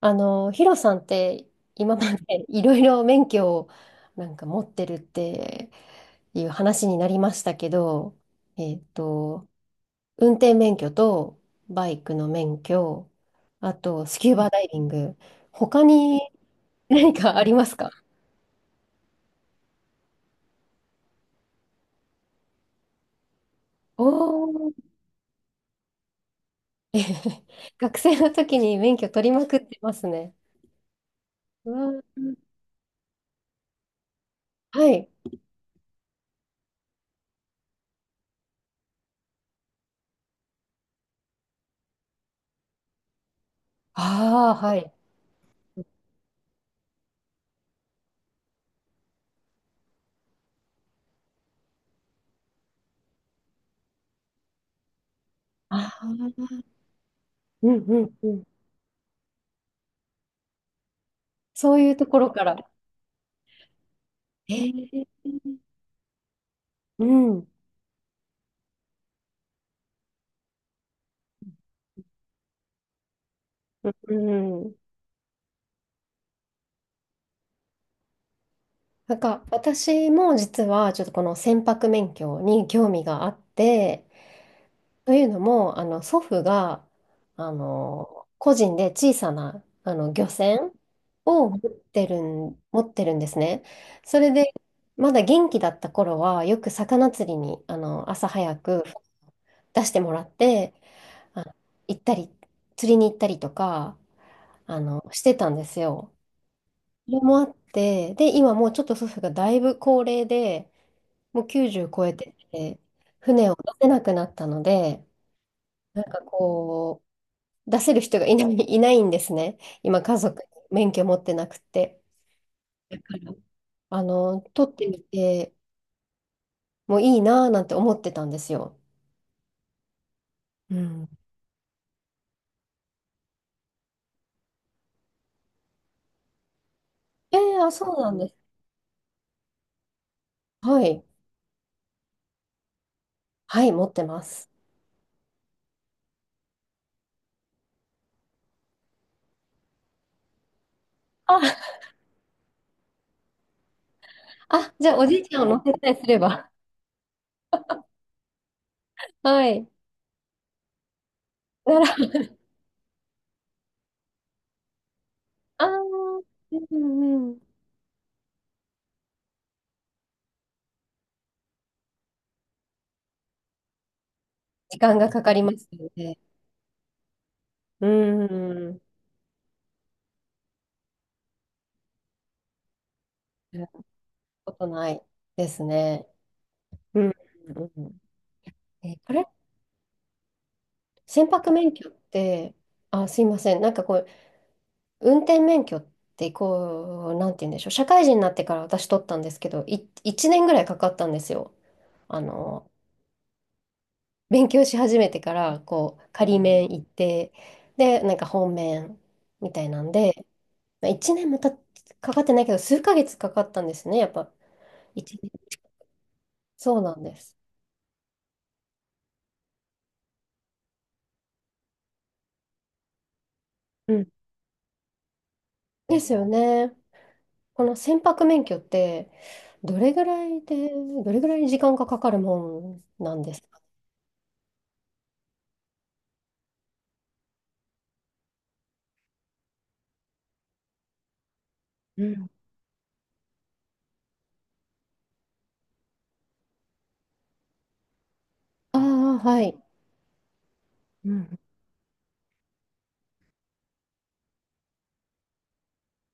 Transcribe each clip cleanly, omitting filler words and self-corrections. ヒロさんって今までいろいろ免許をなんか持ってるっていう話になりましたけど、えっと、運転免許とバイクの免許、あとスキューバダイビング、他に何かありますか？おー、えへへ。学生の時に免許取りまくってますね。うわー。はい。ああ、はい。ああ、うんうんうん。そういうところから。えーうん。うん。なんか私も実はちょっとこの船舶免許に興味があって、というのも祖父が個人で小さな漁船を持ってるんですね。それでまだ元気だった頃はよく魚釣りに朝早く出してもらってあの行ったり釣りに行ったりとかしてたんですよ。それもあって、で、今もうちょっと祖父がだいぶ高齢で、もう90超えてて、船を出せなくなったので、なんかこう、出せる人がいないんですね。今、家族、免許持ってなくて。だから、取ってみてもいいなぁなんて思ってたんですよ。うん。あ、そうなんです。はい。はい、持ってます。あ、あ、じゃあおじいちゃんを乗せたりすれば。はい。なら、あー、うんうん。時間がかかりますので、うん。やたことないですね。うん。うん。これ、船舶免許って、あ、すいません、なんかこう、運転免許ってこう、なんて言うんでしょう、社会人になってから私取ったんですけど、1年ぐらいかかったんですよ。あの、勉強し始めてから、こう、仮免行って、で、なんか本免みたいなんで、まあ、1年かかってないけど、数ヶ月かかったんですね、やっぱ。いちねんそうなんです。うん。ですよね。この船舶免許って、どれぐらいで、どれぐらい時間がかかるもんなんですか？うん、ああ、はい。うん。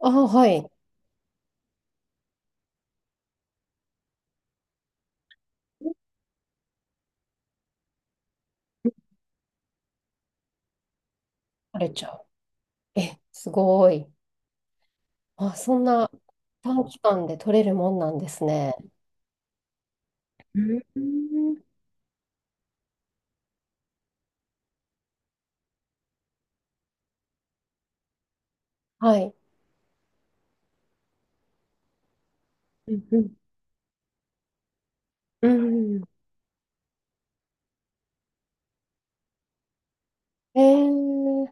ああ、はい。取れちゃう。え、すごい。あ、そんな短期間で取れるもんなんですね。うんうん、はい。うんうんうん。えー、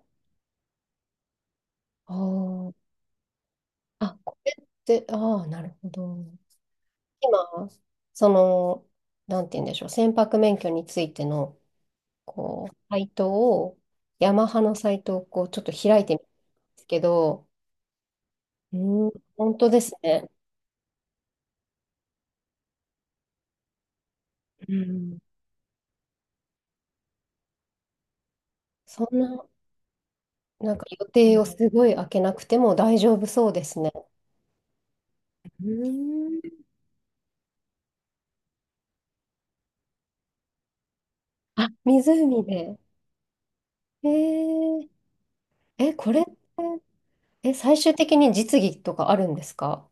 あー、あ、これって、ああ、なるほど。今、その、なんて言うんでしょう、船舶免許についてのこう、サイトを、ヤマハのサイトをこう、ちょっと開いてみたんですけど、うん、本当ですね。うん。そんな、なんか予定をすごい開けなくても大丈夫そうですね。うん。あ、湖で。えー、え、これって、え、最終的に実技とかあるんですか？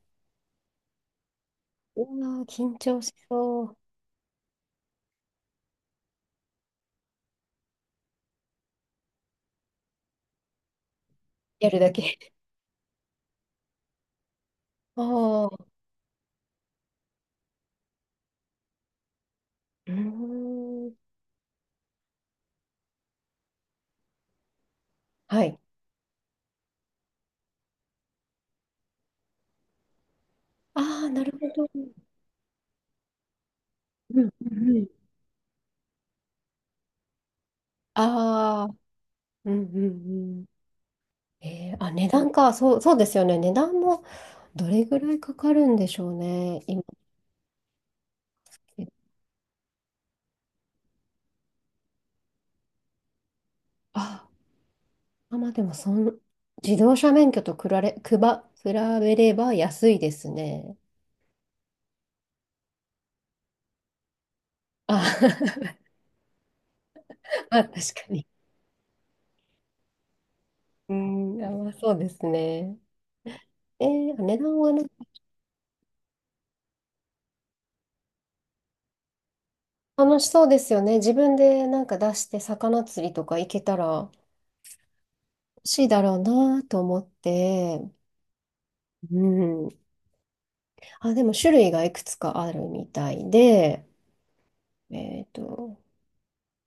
うわー、緊張しそう。やるだけ。ああ、うーん。はい。ああ、なるほど。うんうんうん。ああ。うんうんうん。あ、値段か。そう、そうですよね。値段もどれぐらいかかるんでしょうね。今。あ、あ、まあでも自動車免許と比べれば安いですね。あ、まあ確かに。うん、あ、まあそうですね。値段はなんか楽しそうですよね。自分でなんか出して魚釣りとか行けたら楽しいだろうなと思って。うん。あ、でも種類がいくつかあるみたいで、えっと、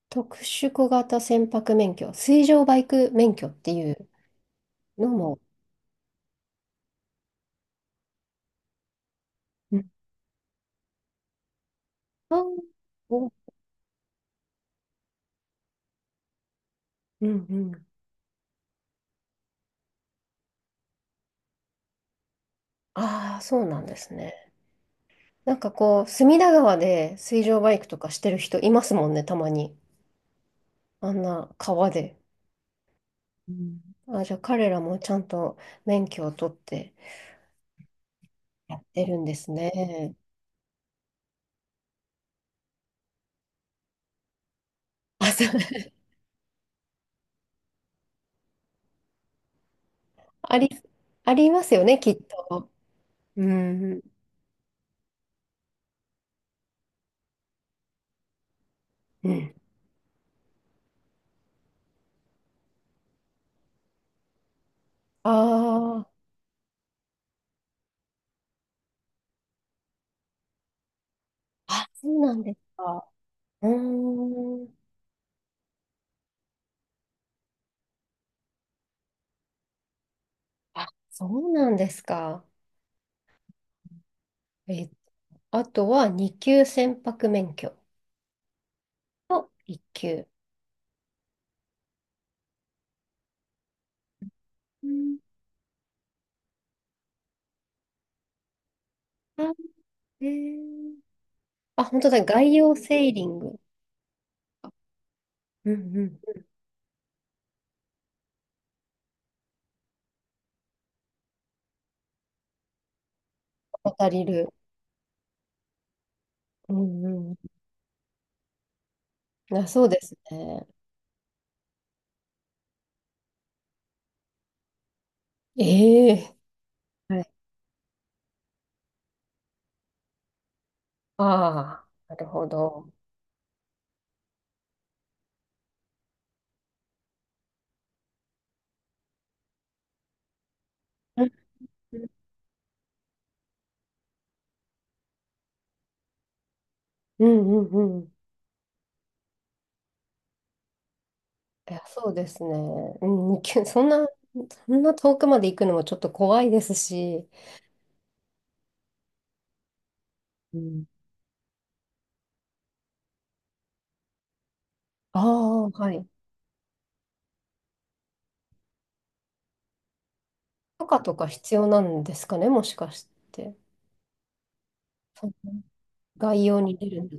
特殊小型船舶免許、水上バイク免許っていうのも、うん。あー、お、うんうん。ああ、そうなんですね。なんかこう、隅田川で水上バイクとかしてる人いますもんね、たまに。あんな川で。うん。あ、じゃあ彼らもちゃんと免許を取ってやってるんですね。あ、そう、あり、ありますよね、きっと。うん。うん。ああ、あ、そうなんですか。うーん。あ、そうなんですか。えっと、あとは2級船舶免許と1級。うん。あ、えー、あ、本当だ。外洋セーリング。うんうん。渡りる。うんうん。あ、そうですね。ええ、はい。ああ、なるほど。うんうんうんうん。いや、そうですね。うん、二級そんな遠くまで行くのもちょっと怖いですし。うん。ああ、はい。許可とか必要なんですかね、もしかして。そんな概要に出るんだ。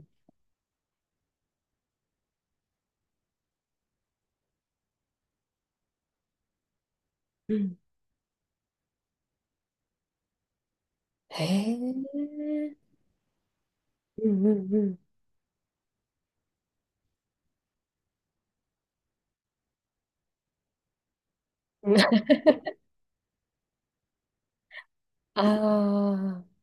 うん。へえ。うんうんうん。ああ。